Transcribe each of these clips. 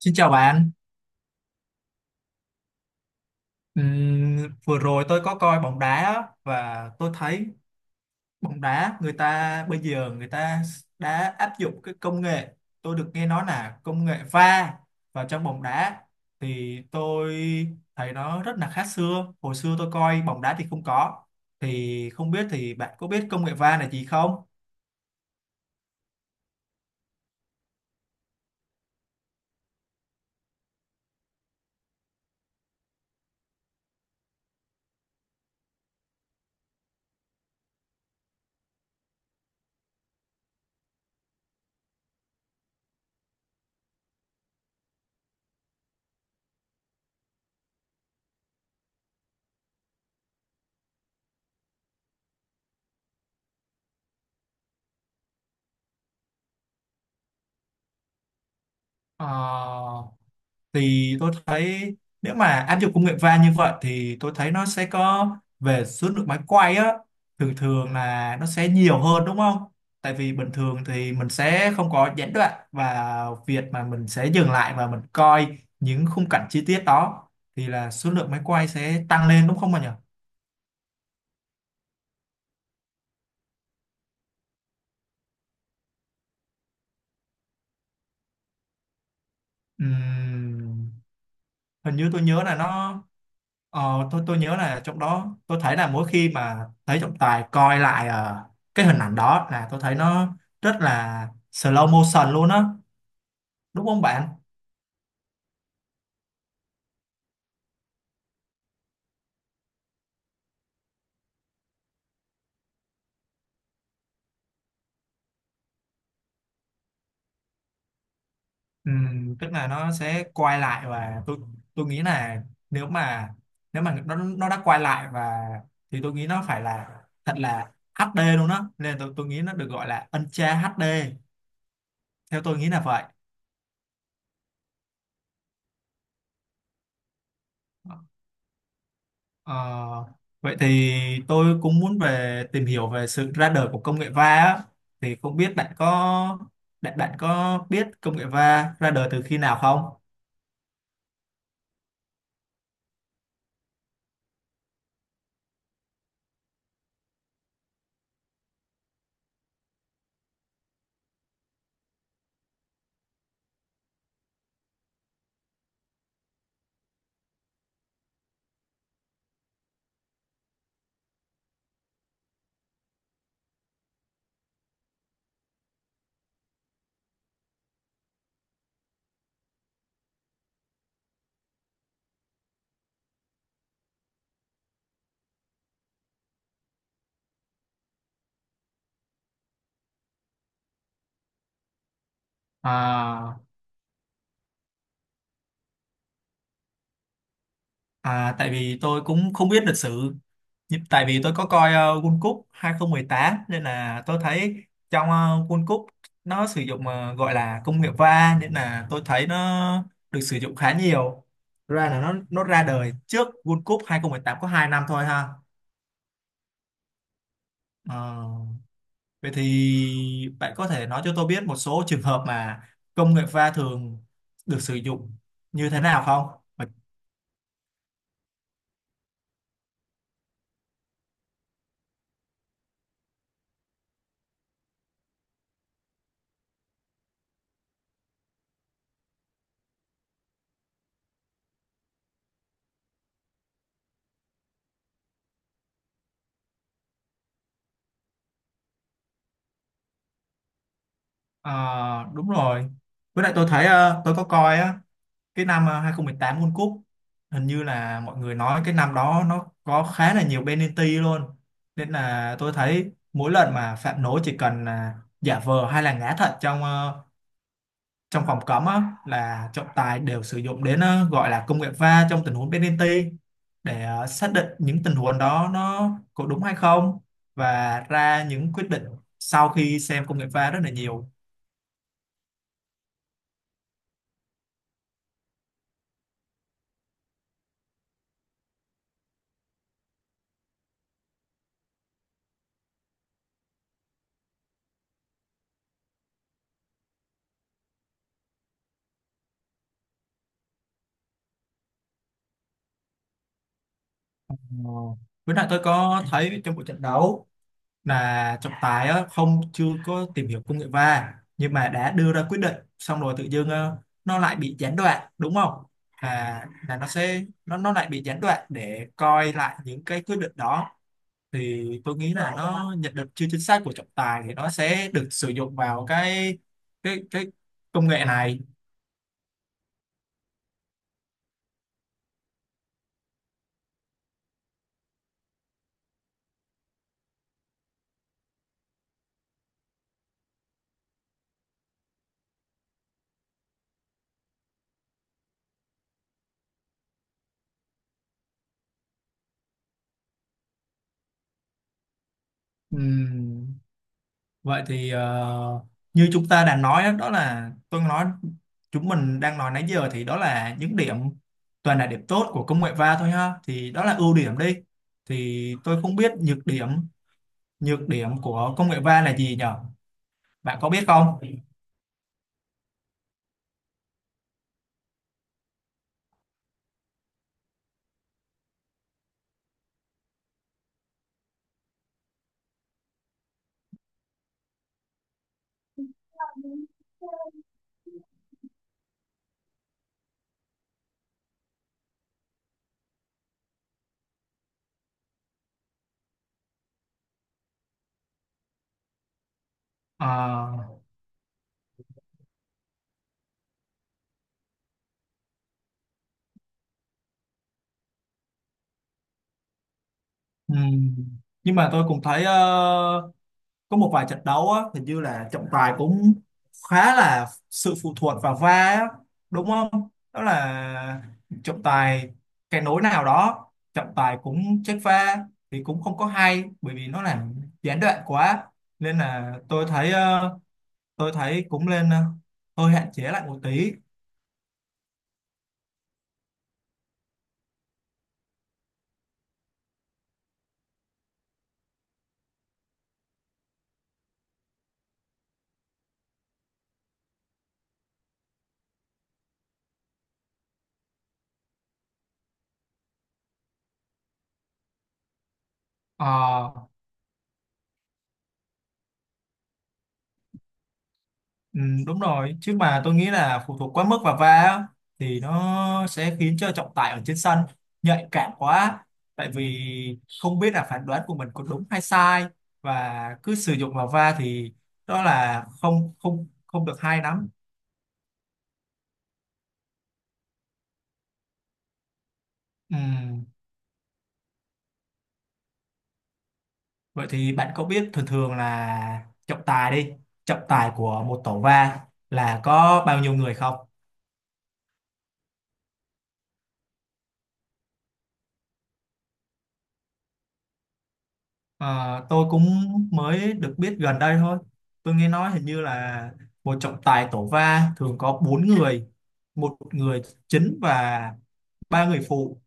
Xin chào bạn. Ừm, Vừa rồi tôi có coi bóng đá á, và tôi thấy bóng đá người ta bây giờ người ta đã áp dụng cái công nghệ, tôi được nghe nói là công nghệ VAR vào trong bóng đá, thì tôi thấy nó rất là khác xưa. Hồi xưa tôi coi bóng đá thì không có. Không biết bạn có biết công nghệ VAR là gì không? Ờ, thì tôi thấy nếu mà áp dụng công nghệ va như vậy thì tôi thấy nó sẽ có, về số lượng máy quay á, thường thường là nó sẽ nhiều hơn đúng không? Tại vì bình thường thì mình sẽ không có gián đoạn, và việc mà mình sẽ dừng lại và mình coi những khung cảnh chi tiết đó thì là số lượng máy quay sẽ tăng lên đúng không mà nhỉ? Ừm, Hình như tôi nhớ là nó... Ờ, tôi nhớ là trong đó tôi thấy là mỗi khi mà thấy trọng tài coi lại cái hình ảnh đó là tôi thấy nó rất là slow motion luôn á, đúng không bạn? Ừ, tức là nó sẽ quay lại, và tôi nghĩ là, nếu mà nếu mà nó đã quay lại, và thì tôi nghĩ nó phải là thật là HD luôn á, nên tôi nghĩ nó được gọi là Ultra HD, theo tôi nghĩ là vậy. Ờ, vậy thì tôi cũng muốn về tìm hiểu về sự ra đời của công nghệ va á. Thì không biết bạn có bạn bạn có biết công nghệ va ra đời từ khi nào không? À, à tại vì tôi cũng không biết lịch sử. Tại vì tôi có coi World Cup hai không một tám, nên là tôi thấy trong World Cup nó sử dụng gọi là công nghệ va, nên là tôi thấy nó được sử dụng khá nhiều. Ra là nó ra đời trước World Cup 2018 có 2 năm thôi ha. Ờ, vậy thì bạn có thể nói cho tôi biết một số trường hợp mà công nghệ pha thường được sử dụng như thế nào không? Ờ, đúng rồi. Với lại tôi thấy, tôi có coi á, cái năm 2018 World Cup, hình như là mọi người nói cái năm đó nó có khá là nhiều penalty luôn. Nên là tôi thấy mỗi lần mà phạm lỗi chỉ cần là giả vờ hay là ngã thật trong trong phòng cấm á, là trọng tài đều sử dụng đến, gọi là công nghệ va trong tình huống penalty, để xác định những tình huống đó nó có đúng hay không, và ra những quyết định sau khi xem công nghệ va rất là nhiều. Ờ, với lại tôi có thấy trong buổi trận đấu là trọng tài á, không chưa có tìm hiểu công nghệ va nhưng mà đã đưa ra quyết định, xong rồi tự dưng nó lại bị gián đoạn đúng không? À, là nó sẽ nó lại bị gián đoạn để coi lại những cái quyết định đó, thì tôi nghĩ là nó nhận định chưa chính xác của trọng tài thì nó sẽ được sử dụng vào cái công nghệ này. Ừm, Vậy thì, ờ, như chúng ta đã nói đó, đó là tôi nói chúng mình đang nói nãy giờ thì đó là những điểm, toàn là điểm tốt của công nghệ va thôi ha, thì đó là ưu điểm đi, thì tôi không biết nhược điểm của công nghệ va là gì nhở, bạn có biết không? Ờ, ừm, nhưng mà tôi cũng thấy, có một vài trận đấu á, hình như là trọng tài cũng khá là sự phụ thuộc vào VAR á, đúng không? Đó là trọng tài, cái nối nào đó, trọng tài cũng check VAR, thì cũng không có hay bởi vì nó làm gián đoạn quá, nên là tôi thấy tôi thấy cũng nên hơi hạn chế lại một tí. Ờ, ừ, đúng rồi, chứ mà tôi nghĩ là phụ thuộc quá mức vào va á, thì nó sẽ khiến cho trọng tài ở trên sân nhạy cảm quá, tại vì không biết là phán đoán của mình có đúng hay sai, và cứ sử dụng vào va thì đó là không không không được hay lắm. Ừ. Vậy thì bạn có biết thường thường là trọng tài của một tổ va là có bao nhiêu người không? À, tôi cũng mới được biết gần đây thôi. Tôi nghe nói hình như là một trọng tài tổ va thường có bốn người, một người chính và ba người phụ,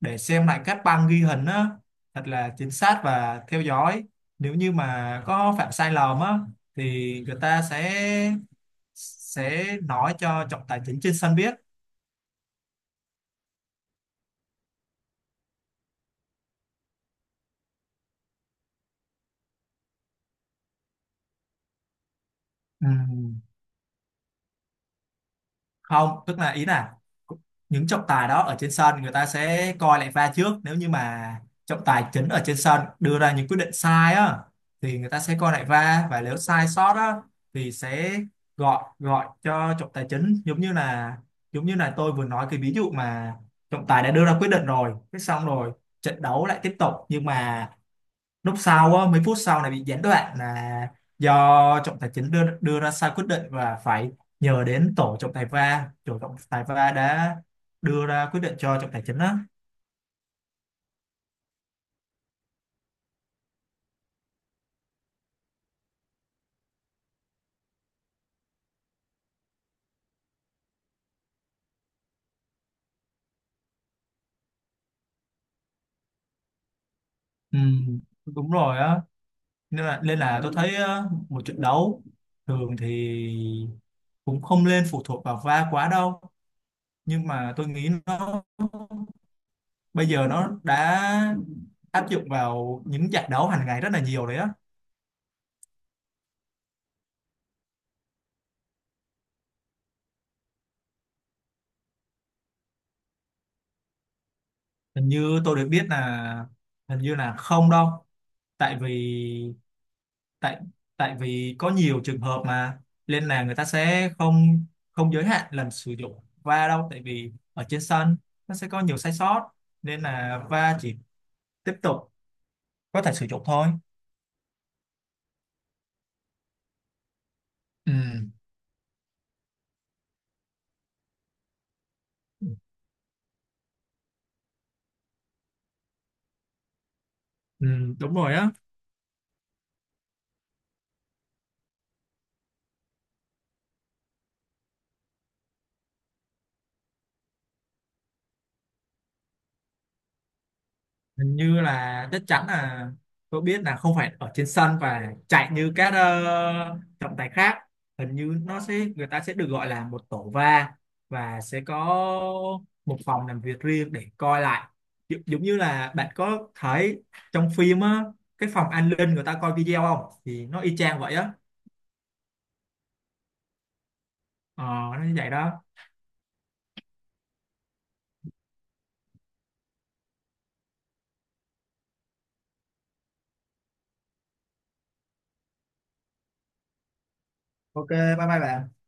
để xem lại các băng ghi hình á, thật là chính xác và theo dõi. Nếu như mà có phạm sai lầm á, thì người ta sẽ nói cho trọng tài chính trên sân biết. Ừ, không, tức là ý là những trọng tài đó ở trên sân người ta sẽ coi lại va trước, nếu như mà trọng tài chính ở trên sân đưa ra những quyết định sai á, thì người ta sẽ coi lại va, và nếu sai sót á thì sẽ gọi gọi cho trọng tài chính, giống như là, giống như là tôi vừa nói cái ví dụ mà trọng tài đã đưa ra quyết định rồi, cái xong rồi trận đấu lại tiếp tục, nhưng mà lúc sau á, mấy phút sau này bị gián đoạn là do trọng tài chính đưa đưa ra sai quyết định, và phải nhờ đến tổ trọng tài VAR, tổ trọng tài VAR đã đưa ra quyết định cho trọng tài chính á. Ừ, đúng rồi á. Nên là tôi thấy á, một trận đấu thường thì cũng không nên phụ thuộc vào VAR quá đâu, nhưng mà tôi nghĩ nó bây giờ nó đã áp dụng vào những trận đấu hàng ngày rất là nhiều đấy á. Hình như tôi được biết là hình như là không đâu, tại vì, tại, tại vì có nhiều trường hợp mà, nên là người ta sẽ không không giới hạn lần sử dụng va đâu, tại vì ở trên sân nó sẽ có nhiều sai sót, nên là va chỉ tiếp tục có thể sử dụng thôi. Ừ, ừ, đúng rồi á. Hình như là chắc chắn là tôi biết là không phải ở trên sân và chạy như các trọng tài khác, hình như nó sẽ, người ta sẽ được gọi là một tổ va, và sẽ có một phòng làm việc riêng để coi lại, giống giống như là bạn có thấy trong phim á, cái phòng an ninh người ta coi video không, thì nó y chang vậy á. Ờ, nó như vậy đó. OK, bye bye bạn.